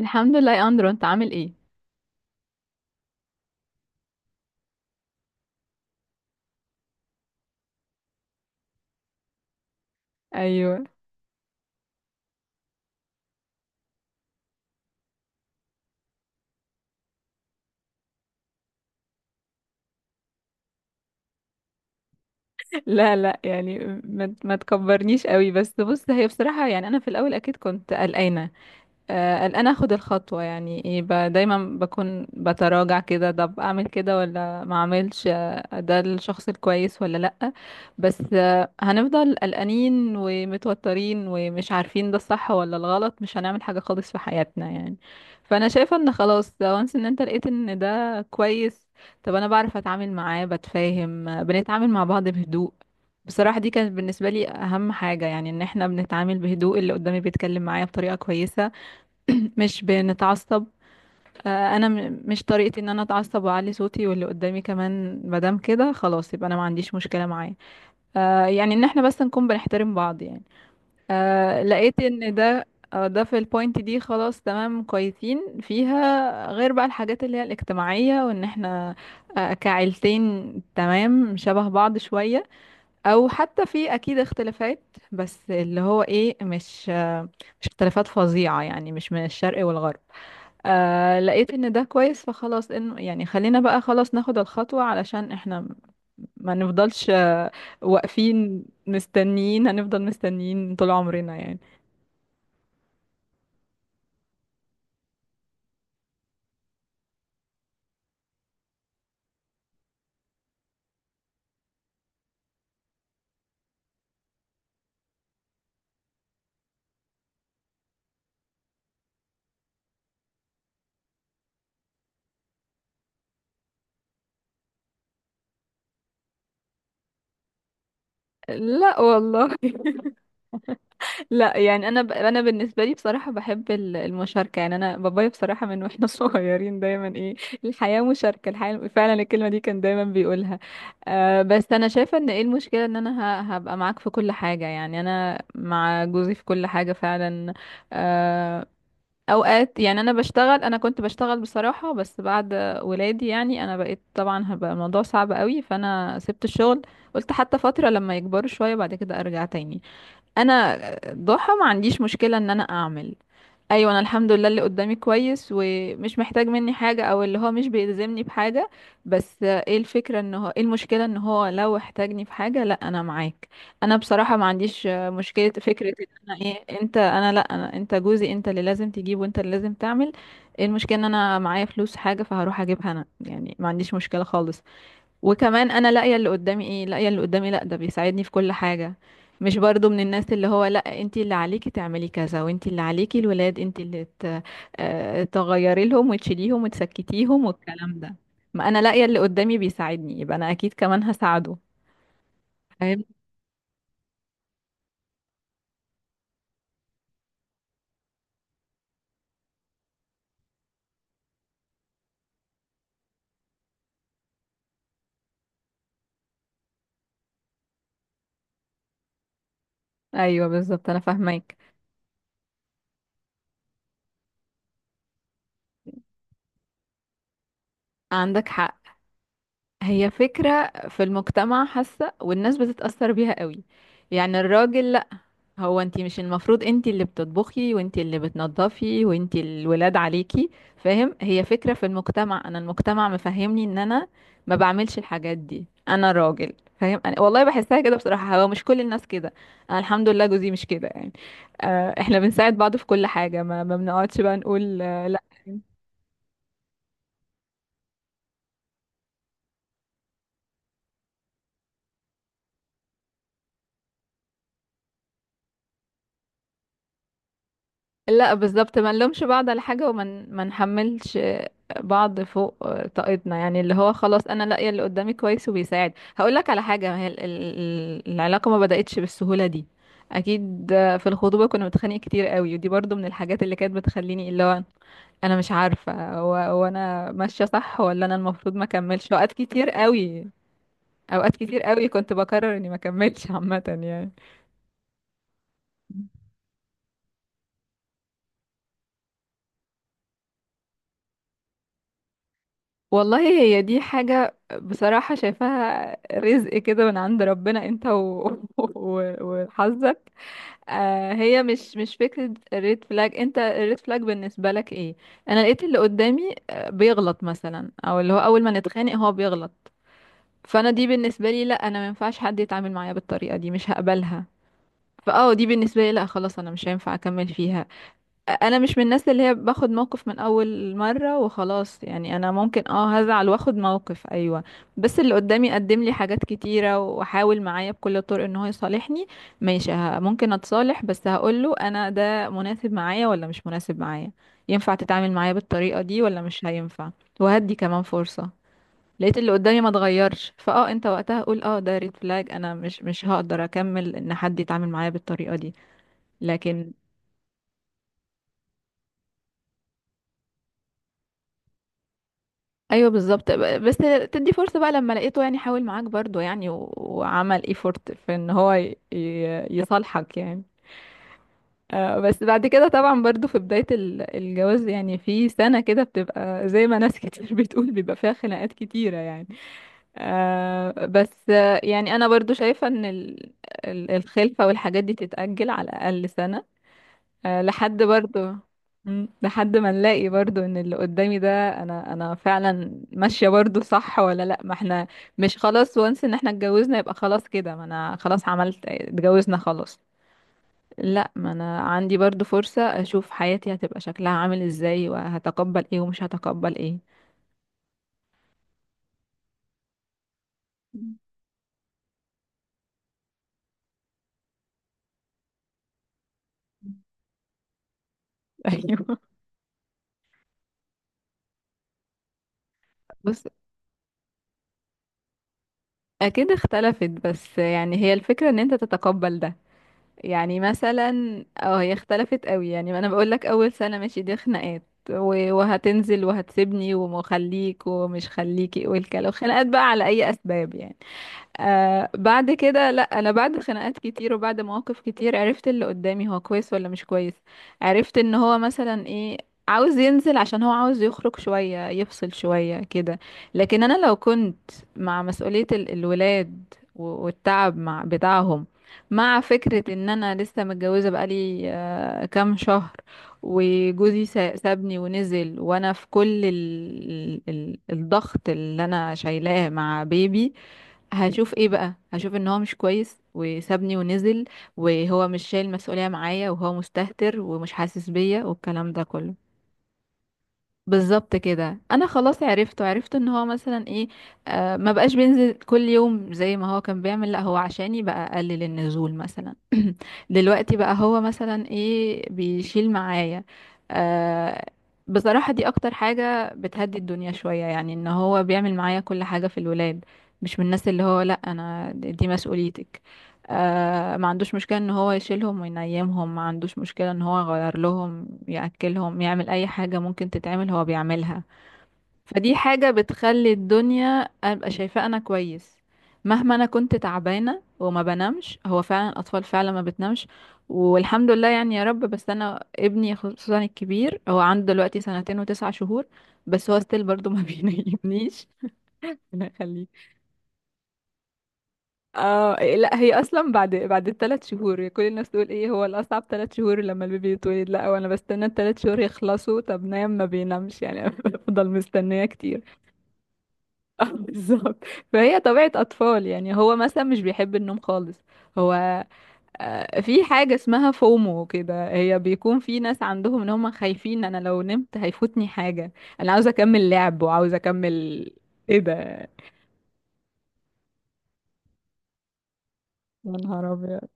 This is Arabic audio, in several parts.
الحمد لله يا اندرو، انت عامل ايه؟ ايوه. لا لا، يعني ما تكبرنيش قوي. بس بص، هي بصراحه يعني انا في الاول اكيد كنت قلقانه. قلقانة اخد الخطوة. يعني ايه، دايما بكون بتراجع كده. طب اعمل كده ولا ما اعملش؟ ده الشخص الكويس ولا لأ؟ بس هنفضل قلقانين ومتوترين ومش عارفين ده الصح ولا الغلط، مش هنعمل حاجة خالص في حياتنا يعني. فانا شايفة ان خلاص وانس ان انت لقيت ان ده كويس. طب انا بعرف اتعامل معاه بتفاهم، بنتعامل مع بعض بهدوء. بصراحة دي كانت بالنسبة لي أهم حاجة، يعني إن احنا بنتعامل بهدوء، اللي قدامي بيتكلم معايا بطريقة كويسة. مش بنتعصب. انا مش طريقتي ان انا اتعصب واعلي صوتي، واللي قدامي كمان مادام كده خلاص يبقى انا ما عنديش مشكله معاه. يعني ان احنا بس نكون بنحترم بعض يعني. لقيت ان ده. ده في البوينت دي خلاص تمام كويسين فيها. غير بقى الحاجات اللي هي الاجتماعيه، وان احنا كعيلتين تمام شبه بعض شويه، او حتى في اكيد اختلافات، بس اللي هو ايه، مش مش اختلافات فظيعه يعني، مش من الشرق والغرب. لقيت ان ده كويس، فخلاص انه يعني خلينا بقى خلاص ناخد الخطوة علشان احنا ما نفضلش واقفين مستنيين، هنفضل مستنيين طول عمرنا يعني. لا والله. لا يعني انا انا بالنسبه لي بصراحه بحب المشاركه. يعني انا بابايا بصراحه من واحنا صغيرين دايما ايه، الحياه مشاركه، الحياه فعلا الكلمه دي كان دايما بيقولها. بس انا شايفه ان ايه المشكله، ان انا هبقى معاك في كل حاجه. يعني انا مع جوزي في كل حاجه فعلا. آه، اوقات يعني انا بشتغل، انا كنت بشتغل بصراحة، بس بعد ولادي يعني انا بقيت طبعا هبقى الموضوع صعب قوي، فانا سبت الشغل. قلت حتى فترة لما يكبروا شوية بعد كده ارجع تاني. انا ضحى ما عنديش مشكلة ان انا اعمل. ايوه انا الحمد لله اللي قدامي كويس ومش محتاج مني حاجة، او اللي هو مش بيلزمني بحاجة. بس ايه الفكرة؟ ان هو ايه المشكلة ان هو لو احتاجني في حاجة، لا انا معاك. انا بصراحة ما عنديش مشكلة فكرة ان انا ايه، انت انا لا انا انت جوزي، انت اللي لازم تجيب وانت اللي لازم تعمل. ايه المشكلة ان انا معايا فلوس حاجة فهروح اجيبها انا، يعني ما عنديش مشكلة خالص. وكمان انا لاقيه اللي قدامي ايه، لاقيه اللي قدامي لا ده بيساعدني في كل حاجه. مش برضو من الناس اللي هو لا انتي اللي عليكي تعملي كذا، وانتي اللي عليكي الولاد، انتي اللي تغيري لهم وتشيليهم وتسكتيهم والكلام ده. ما انا لاقيه اللي قدامي بيساعدني، يبقى انا اكيد كمان هساعده. فاهم. ايوه بالظبط، انا فاهماك. عندك حق. هي فكره في المجتمع حاسه، والناس بتتاثر بيها قوي. يعني الراجل، هو انتي مش المفروض انتي اللي بتطبخي وانتي اللي بتنظفي وانتي الولاد عليكي؟ فاهم. هي فكرة في المجتمع، انا المجتمع مفهمني ان انا ما بعملش الحاجات دي، انا راجل. فاهم. أنا والله بحسها كده بصراحة، هو مش كل الناس كده. انا الحمد لله جوزي مش كده يعني. احنا بنساعد بعض في كل حاجة، ما بنقعدش بقى نقول لا. لا بالظبط، ما نلومش بعض على حاجة، وما ن- ما نحملش بعض فوق طاقتنا يعني. اللي هو خلاص انا لاقيه اللي قدامي كويس وبيساعد. هقول لك على حاجة، ما هي العلاقة ما بدأتش بالسهولة دي، اكيد. في الخطوبة كنا بنتخانق كتير قوي، ودي برضو من الحاجات اللي كانت بتخليني اللي هو انا مش عارفة، هو انا ماشية صح ولا انا المفروض ما اكملش. اوقات كتير قوي، اوقات كتير قوي كنت بقرر اني ما اكملش عامة يعني. والله هي دي حاجة بصراحة شايفاها رزق كده من عند ربنا انت وحظك. هي مش فكرة ريد فلاج. انت الريد فلاج بالنسبة لك ايه؟ انا لقيت اللي قدامي بيغلط مثلا، او اللي هو اول ما نتخانق هو بيغلط. فانا دي بالنسبة لي لا، انا ما ينفعش حد يتعامل معايا بالطريقة دي، مش هقبلها. فاه دي بالنسبة لي لا خلاص، انا مش هينفع اكمل فيها. انا مش من الناس اللي هي باخد موقف من اول مرة وخلاص يعني، انا ممكن هزعل واخد موقف ايوه. بس اللي قدامي قدم لي حاجات كتيرة وحاول معايا بكل الطرق ان هو يصالحني. ماشي ممكن اتصالح، بس هقول له انا ده مناسب معايا ولا مش مناسب معايا. ينفع تتعامل معايا بالطريقة دي ولا مش هينفع؟ وهدي كمان فرصة. لقيت اللي قدامي ما اتغيرش، فاه انت وقتها قول اه ده ريد فلاج، انا مش هقدر اكمل ان حد يتعامل معايا بالطريقة دي. لكن ايوه بالظبط، بس تدي فرصة بقى لما لقيته يعني حاول معاك برضو يعني، وعمل ايفورت في ان هو يصالحك يعني. بس بعد كده طبعا برضو في بداية الجواز يعني، في سنة كده بتبقى زي ما ناس كتير بتقول بيبقى فيها خناقات كتيرة يعني. بس يعني انا برضو شايفة ان الخلفة والحاجات دي تتأجل على الاقل سنة، لحد برضو لحد ما نلاقي برضو ان اللي قدامي ده انا فعلا ماشية برضو صح ولا لا. ما احنا مش خلاص وانس ان احنا اتجوزنا يبقى خلاص كده. ما انا خلاص عملت اتجوزنا خلاص، لا، ما انا عندي برضو فرصة اشوف حياتي هتبقى شكلها عامل ازاي، وهتقبل ايه ومش هتقبل ايه. مم. ايوه. بص، اكيد اختلفت، بس يعني هي الفكرة ان انت تتقبل ده. يعني مثلا هي اختلفت قوي يعني، ما انا بقول لك اول سنه ماشي دي خناقات، وهتنزل، وهتسيبني، ومخليك ومش خليكي، والكلام خناقات بقى على اي اسباب يعني. بعد كده لا انا بعد خناقات كتير وبعد مواقف كتير عرفت اللي قدامي هو كويس ولا مش كويس. عرفت ان هو مثلا ايه، عاوز ينزل عشان هو عاوز يخرج شوية يفصل شوية كده. لكن انا لو كنت مع مسؤولية الولاد والتعب مع بتاعهم، مع فكرة ان انا لسه متجوزة بقالي كام شهر، وجوزي سابني ونزل وانا في كل الضغط اللي انا شايلاه مع بيبي، هشوف ايه بقى؟ هشوف ان هو مش كويس وسابني ونزل، وهو مش شايل مسؤولية معايا، وهو مستهتر ومش حاسس بيا، والكلام ده كله. بالظبط كده انا خلاص عرفته، عرفت ان هو مثلا ايه، ما بقاش بينزل كل يوم زي ما هو كان بيعمل، لا هو عشاني بقى اقلل النزول مثلا. دلوقتي بقى هو مثلا ايه، بيشيل معايا. آه بصراحة دي اكتر حاجة بتهدي الدنيا شوية يعني، ان هو بيعمل معايا كل حاجة في الولاد. مش من الناس اللي هو لا انا دي مسؤوليتك. ما عندوش مشكلة ان هو يشيلهم وينيمهم، ما عندوش مشكلة ان هو يغير لهم، يأكلهم، يعمل اي حاجة ممكن تتعمل هو بيعملها. فدي حاجة بتخلي الدنيا ابقى شايفاه انا كويس. مهما انا كنت تعبانة وما بنامش، هو فعلا الاطفال فعلا ما بتنامش. والحمد لله يعني، يا رب. بس انا ابني خصوصا الكبير هو عنده دلوقتي سنتين و9 شهور، بس هو ستيل برضو ما بينيمنيش. ربنا يخليك. اه إيه، لا هي اصلا بعد الثلاث شهور كل الناس تقول ايه، هو الاصعب 3 شهور لما البيبي يتولد. لا وانا بستنى الثلاث شهور يخلصوا، طب نايم؟ ما بينامش يعني. بفضل مستنيه كتير. اه بالظبط. فهي طبيعه اطفال يعني، هو مثلا مش بيحب النوم خالص، هو في حاجه اسمها فومو كده، هي بيكون في ناس عندهم ان هم خايفين انا لو نمت هيفوتني حاجه، انا عاوزه اكمل لعب وعاوزه اكمل. ايه ده! يا نهار ابيض.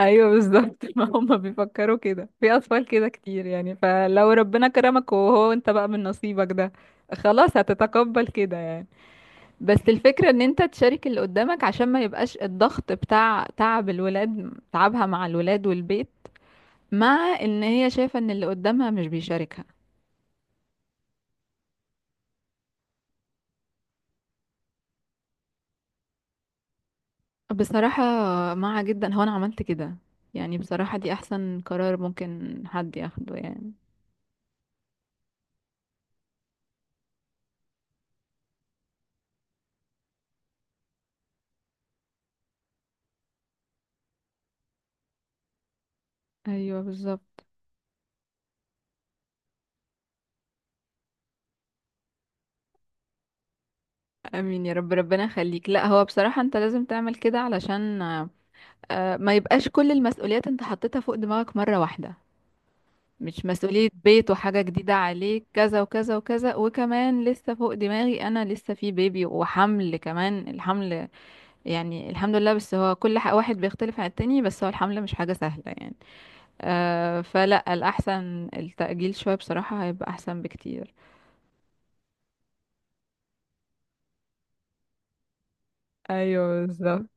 ايوه بالظبط. ما هم بيفكروا كده في اطفال كده كتير يعني، فلو ربنا كرمك وهو انت بقى من نصيبك ده خلاص هتتقبل كده يعني. بس الفكرة ان انت تشارك اللي قدامك عشان ما يبقاش الضغط بتاع تعب الولاد، تعبها مع الولاد والبيت، مع ان هي شايفة ان اللي قدامها مش بيشاركها. بصراحة مع جدا، هو انا عملت كده. يعني بصراحة دي احسن قرار ممكن حد ياخده يعني. ايوه بالظبط. امين يا رب، ربنا يخليك. لا هو بصراحة انت لازم تعمل كده علشان ما يبقاش كل المسؤوليات انت حطيتها فوق دماغك مرة واحدة. مش مسؤولية بيت، وحاجة جديدة عليك كذا وكذا وكذا، وكمان لسه فوق دماغي انا لسه في بيبي، وحمل كمان، الحمل يعني الحمد لله. بس هو كل واحد بيختلف عن التاني، بس هو الحمل مش حاجة سهلة يعني. فلا، الأحسن التأجيل شوية بصراحة، هيبقى أحسن بكتير. ايوه بالظبط.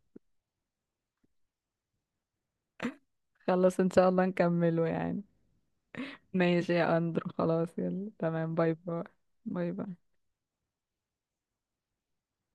خلاص ان شاء الله نكمله يعني. ماشي يا أندرو، خلاص يلا، تمام، باي باي. باي باي.